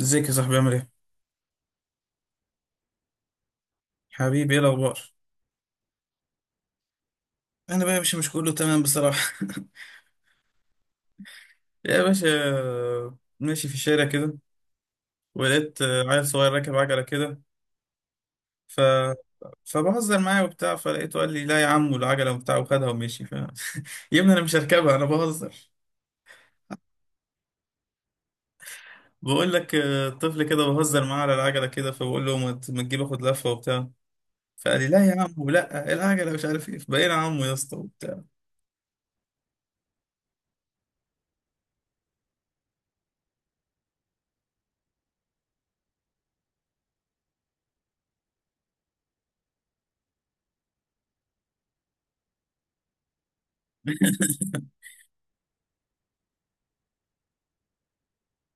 ازيك يا صاحبي، عامل ايه؟ حبيبي، ايه الأخبار؟ أنا بقى يا باشا مش كله تمام بصراحة. يا باشا، ماشي في الشارع كده ولقيت عيل صغير راكب عجلة كده. ف فبهزر معاه وبتاع، فلقيته قال لي لا يا عم، والعجلة وبتاع، وخدها ومشي يا ابني، أنا مش هركبها، أنا بهزر. بقول لك طفل كده بهزر معاه على العجلة كده، فبقول له ما تجيب آخد لفة وبتاع. فقال لي لا يا عم، ولا العجلة، مش عارف ايه، بقينا عمو يا اسطى.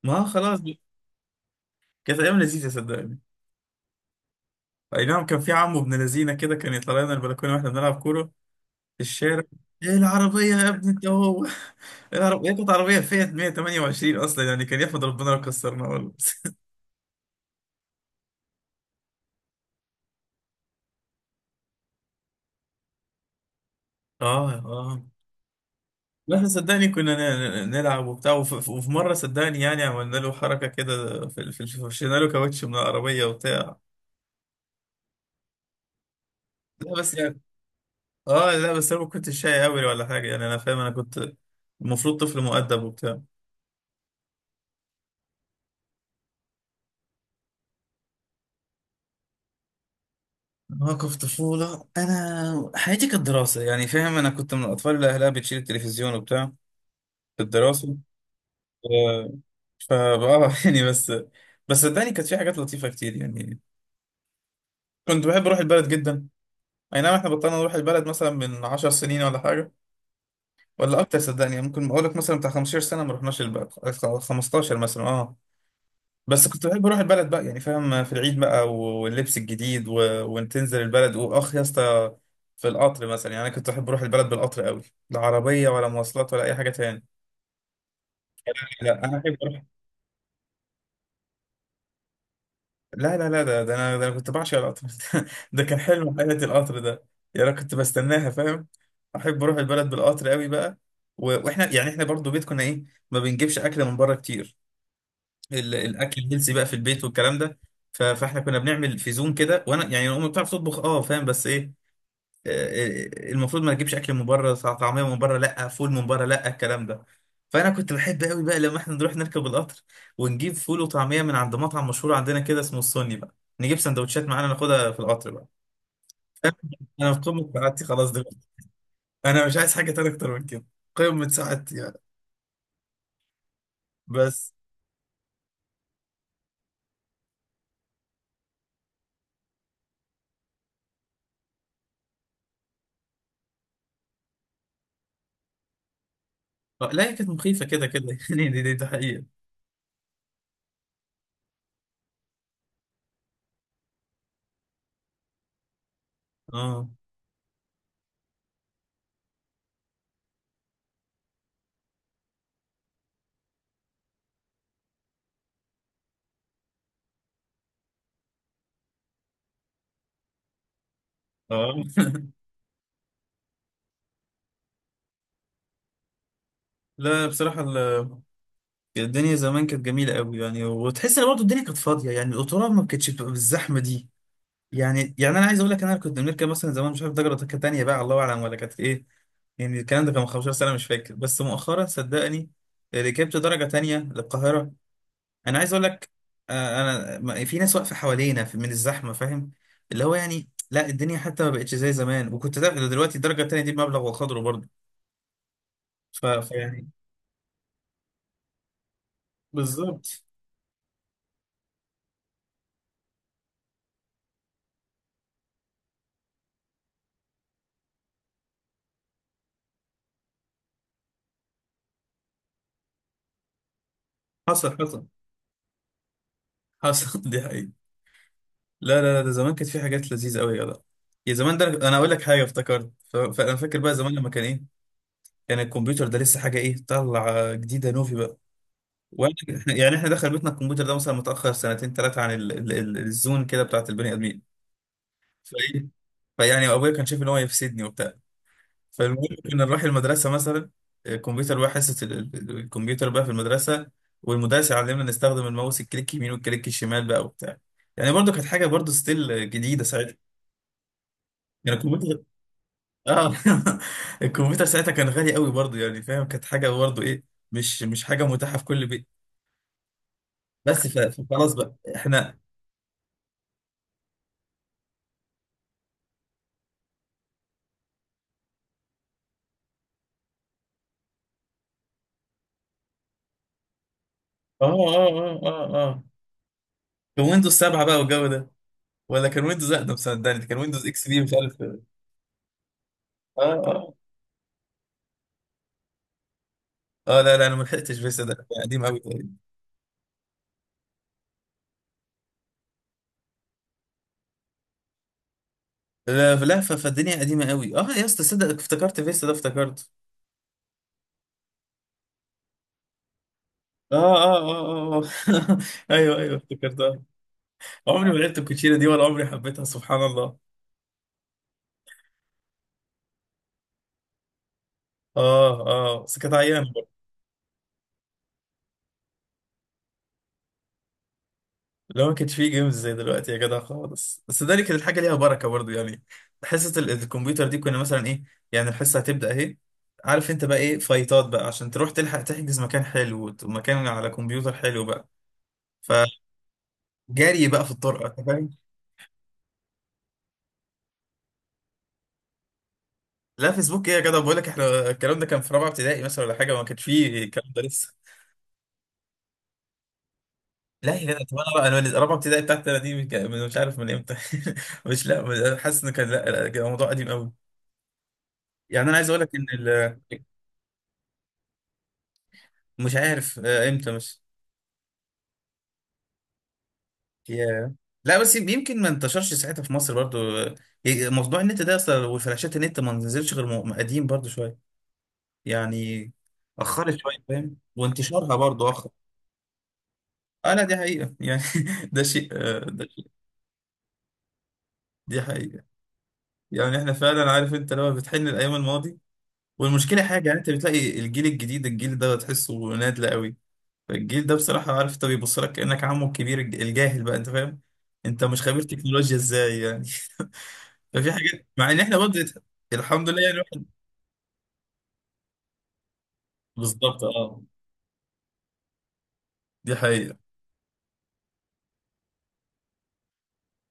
ما خلاص كانت ايام لذيذه صدقني. اي نعم، كان في عمو ابن لذينه كده، كان يطلع لنا البلكونه واحنا بنلعب كوره في الشارع. ايه العربيه يا ابني انت؟ هو العربيه كانت عربيه فيات 128 اصلا، يعني كان يحمد ربنا لو كسرنا والله. اه اه، واحنا صدقني كنا نلعب وبتاع، وفي مره صدقني يعني عملنا له حركه كده، فرشنا له كاوتش من العربيه وبتاع. لا بس يعني، اه لا بس انا ما كنتش شاي قوي ولا حاجه، يعني انا فاهم، انا كنت المفروض طفل مؤدب وبتاع. مواقف طفوله، انا حياتي كانت دراسه، يعني فاهم، انا كنت من الاطفال اللي اهلها بتشيل التلفزيون وبتاع في الدراسه. فبقى يعني بس صدقني كانت في حاجات لطيفه كتير يعني. كنت بحب اروح البلد جدا. اي نعم، احنا بطلنا نروح البلد مثلا من 10 سنين ولا حاجه، ولا اكتر صدقني. يعني ممكن اقول لك مثلا بتاع 15 سنه ما رحناش البلد. 15 مثلا، اه. بس كنت بحب اروح البلد بقى، يعني فاهم، في العيد بقى واللبس الجديد وان تنزل البلد، واخ يا اسطى! في القطر مثلا، يعني انا كنت بحب اروح البلد بالقطر قوي، لا عربيه ولا مواصلات ولا اي حاجه تاني. لا انا احب اروح. لا لا لا، ده انا كنت بعشق القطر. ده كان حلم حياتي القطر ده، يعني انا كنت بستناها، فاهم، احب اروح البلد بالقطر قوي بقى. واحنا يعني احنا برضو بيت كنا ايه، ما بنجيبش اكل من بره كتير. الاكل الهيلثي بقى في البيت والكلام ده. فاحنا كنا بنعمل في زوم كده، وانا يعني امي بتعرف تطبخ، فاهم، بس ايه، آه، المفروض ما نجيبش اكل من بره، طعميه من بره لا، فول من بره لا، الكلام ده. فانا كنت بحب قوي بقى لما احنا نروح نركب القطر، ونجيب فول وطعميه من عند مطعم مشهور عندنا كده اسمه السني بقى، نجيب سندوتشات معانا ناخدها في القطر بقى. فاهم؟ انا في قمه سعادتي خلاص دلوقتي، انا مش عايز حاجه تانية اكتر من كده، قمه سعادتي يعني. بس. لا هي كانت مخيفه كده كده. يعني دي حقيقه. اه اه، لا بصراحة، الدنيا زمان كانت جميلة قوي، يعني وتحس ان برضه الدنيا كانت فاضية، يعني القطورة ما كانتش بتبقى بالزحمة دي. يعني انا عايز اقول لك، انا كنت بنركب مثلا زمان مش عارف درجة كانت تانية بقى، الله اعلم ولا كانت ايه. يعني الكلام ده كان من 15 سنة مش فاكر، بس مؤخرا صدقني ركبت درجة تانية للقاهرة. انا عايز اقول لك، انا في ناس واقفة حوالينا من الزحمة، فاهم، اللي هو يعني لا الدنيا حتى ما بقتش زي زمان، وكنت ده دلوقتي الدرجة التانية دي بمبلغ وقدره برضه. فيعني. بالظبط. حصل حصل حصل. دي حقيقة. لا لا لا، ده زمان كانت في حاجات لذيذة قوي يا جدع. يا زمان، ده انا اقول لك حاجة افتكرت، فانا فاكر بقى زمان لما كان ايه، كان الكمبيوتر ده لسه حاجة ايه، طلع جديدة نوفي بقى. وانا يعني احنا دخل بيتنا الكمبيوتر ده مثلا متأخر سنتين ثلاثة عن الزون كده بتاعت البني آدمين. فايه، فيعني ابويا كان شايف ان هو يفسدني وبتاع. فالمهم، كنا نروح المدرسة مثلا، الكمبيوتر بقى حصة الكمبيوتر بقى في المدرسة، والمدرس يعلمنا نستخدم الماوس، الكليك يمين والكليك الشمال بقى وبتاع، يعني برضو كانت حاجة برضو ستيل جديدة ساعتها. يعني الكمبيوتر، اه الكمبيوتر ساعتها كان غالي قوي برضه، يعني فاهم، كانت حاجه برضه ايه، مش حاجه متاحه في كل بيت. بس فخلاص بقى احنا. اه اه اه اه اه، كان ويندوز 7 بقى والجو ده، ولا كان ويندوز اقدم صدقني، ده كان ويندوز اكس بي، مش عارف، اه. اه اه، لا لا، انا ما لحقتش فيستا، ده كان قديم قوي تقريبا. لا لا، فالدنيا قديمه قوي اه يا اسطى، صدق افتكرت فيستا ده، افتكرت. اه اه اه اه آه. ايوه ايوه، افتكرتها. عمري ما لعبت الكوتشينه دي، ولا عمري حبيتها، سبحان الله. اه اه، بس كانت عيان. لو ما كانش فيه جيمز زي دلوقتي يا جدع خالص، بس ده اللي كانت الحاجه ليها بركه برضو يعني. حصه الكمبيوتر دي كنا مثلا ايه، يعني الحصه هتبدا اهي، عارف انت بقى ايه، فايتات بقى عشان تروح تلحق تحجز مكان حلو، ومكان على كمبيوتر حلو بقى، فجري بقى في الطرقه، انت فاهم. لا فيسبوك ايه يا جدع، بقول لك احنا الكلام ده كان في رابعه ابتدائي مثلا ولا حاجه، ما كانش فيه الكلام ده لسه. لا يا جدع، طب انا بقى انا من رابعه ابتدائي بتاعتي انا دي مش عارف من امتى. مش لا حاسس ان كان، لا لا، الموضوع قديم قوي. يعني انا عايز اقول لك ان مش عارف امتى بس. ياه! لا بس يمكن ما انتشرش ساعتها في مصر برضو. موضوع النت ده اصلا والفلاشات، النت ما نزلش غير قديم برضو شويه، يعني اخرت شويه فاهم، وانتشارها برضو اخر. اه، لا دي حقيقه يعني. ده شيء، ده شيء، دي حقيقه. يعني احنا فعلا، عارف انت، لما بتحن الايام الماضي، والمشكله حاجه، يعني انت بتلاقي الجيل الجديد، الجيل ده تحسه نادل قوي. فالجيل ده بصراحة عارف انت، بيبص لك كأنك عمه الكبير الجاهل بقى، انت فاهم، انت مش خبير تكنولوجيا ازاي يعني. ففي حاجات، مع ان احنا برضه الحمد لله يعني الواحد. بالظبط اه، دي حقيقة.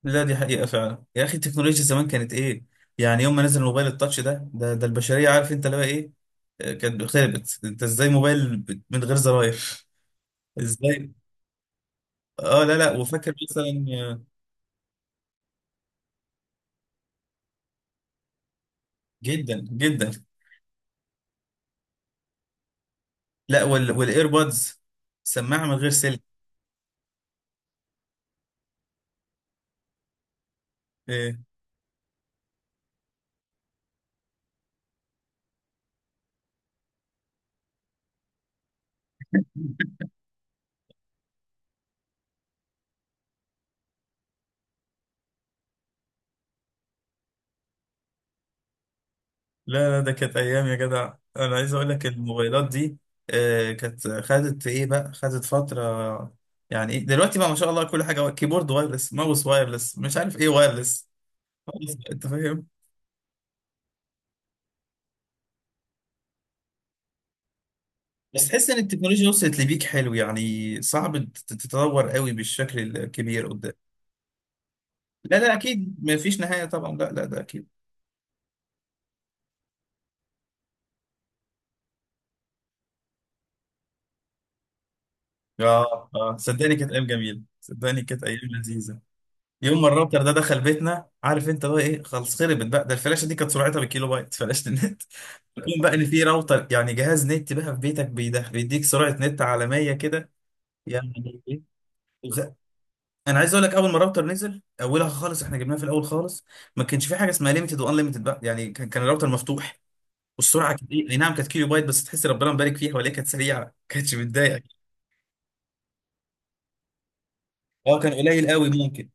لا دي حقيقة فعلا يا اخي، التكنولوجيا زمان كانت ايه، يعني يوم ما نزل الموبايل التاتش ده البشرية، عارف انت اللي هو ايه، كانت خربت، انت ازاي موبايل من غير زراير؟ ازاي؟ اه لا لا، وفاكر مثلا، جدا جدا. لا والايربودز، سماعة من غير سلك. إيه؟ لا لا، ده كانت ايام يا جدع، انا عايز اقول لك الموبايلات دي كانت خدت ايه بقى، خدت فتره. يعني إيه؟ دلوقتي بقى ما شاء الله، كل حاجه كيبورد وايرلس، ماوس وايرلس، مش عارف ايه وايرلس، خلاص بقى، انت فاهم. بس تحس ان التكنولوجيا وصلت لبيك حلو، يعني صعب تتطور قوي بالشكل الكبير قدام. لا لا اكيد، ما فيش نهايه طبعا، لا لا ده اكيد. اه اه، صدقني كانت ايام جميله، صدقني كانت ايام لذيذه. يوم ما الراوتر ده دخل بيتنا، عارف انت بقى ايه، خلص، خربت بقى، ده الفلاشه دي كانت سرعتها بالكيلو بايت فلاشه النت. يكون بقى ان في راوتر، يعني جهاز نت بقى في بيتك، بيديك سرعه نت عالميه كده، يعني ايه! غ- انا عايز اقول لك، اول ما الراوتر نزل اولها خالص احنا جبناها في الاول خالص، ما كانش في حاجه اسمها ليميتد وان ليميتد بقى، يعني كان الراوتر مفتوح، والسرعه كانت ايه، اي نعم كانت كيلو بايت، بس تحس ربنا مبارك فيها، ولا هي كانت سريعه، ما كانتش بتضايقك. اه كان قليل قوي ممكن.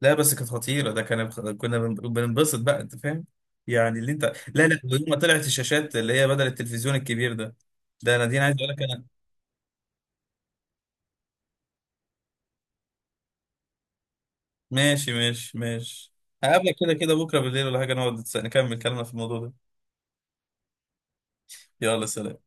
لا بس كانت خطيرة، ده كان، كنا بننبسط بقى، انت فاهم، يعني اللي انت. لا لا، ويوم ما طلعت الشاشات اللي هي بدل التلفزيون الكبير ده، ده انا دي انا عايز اقول لك انا. ماشي ماشي ماشي. هقابلك كده كده بكرة بالليل ولا حاجة، نقعد نكمل كلامنا في الموضوع ده. يلا سلام.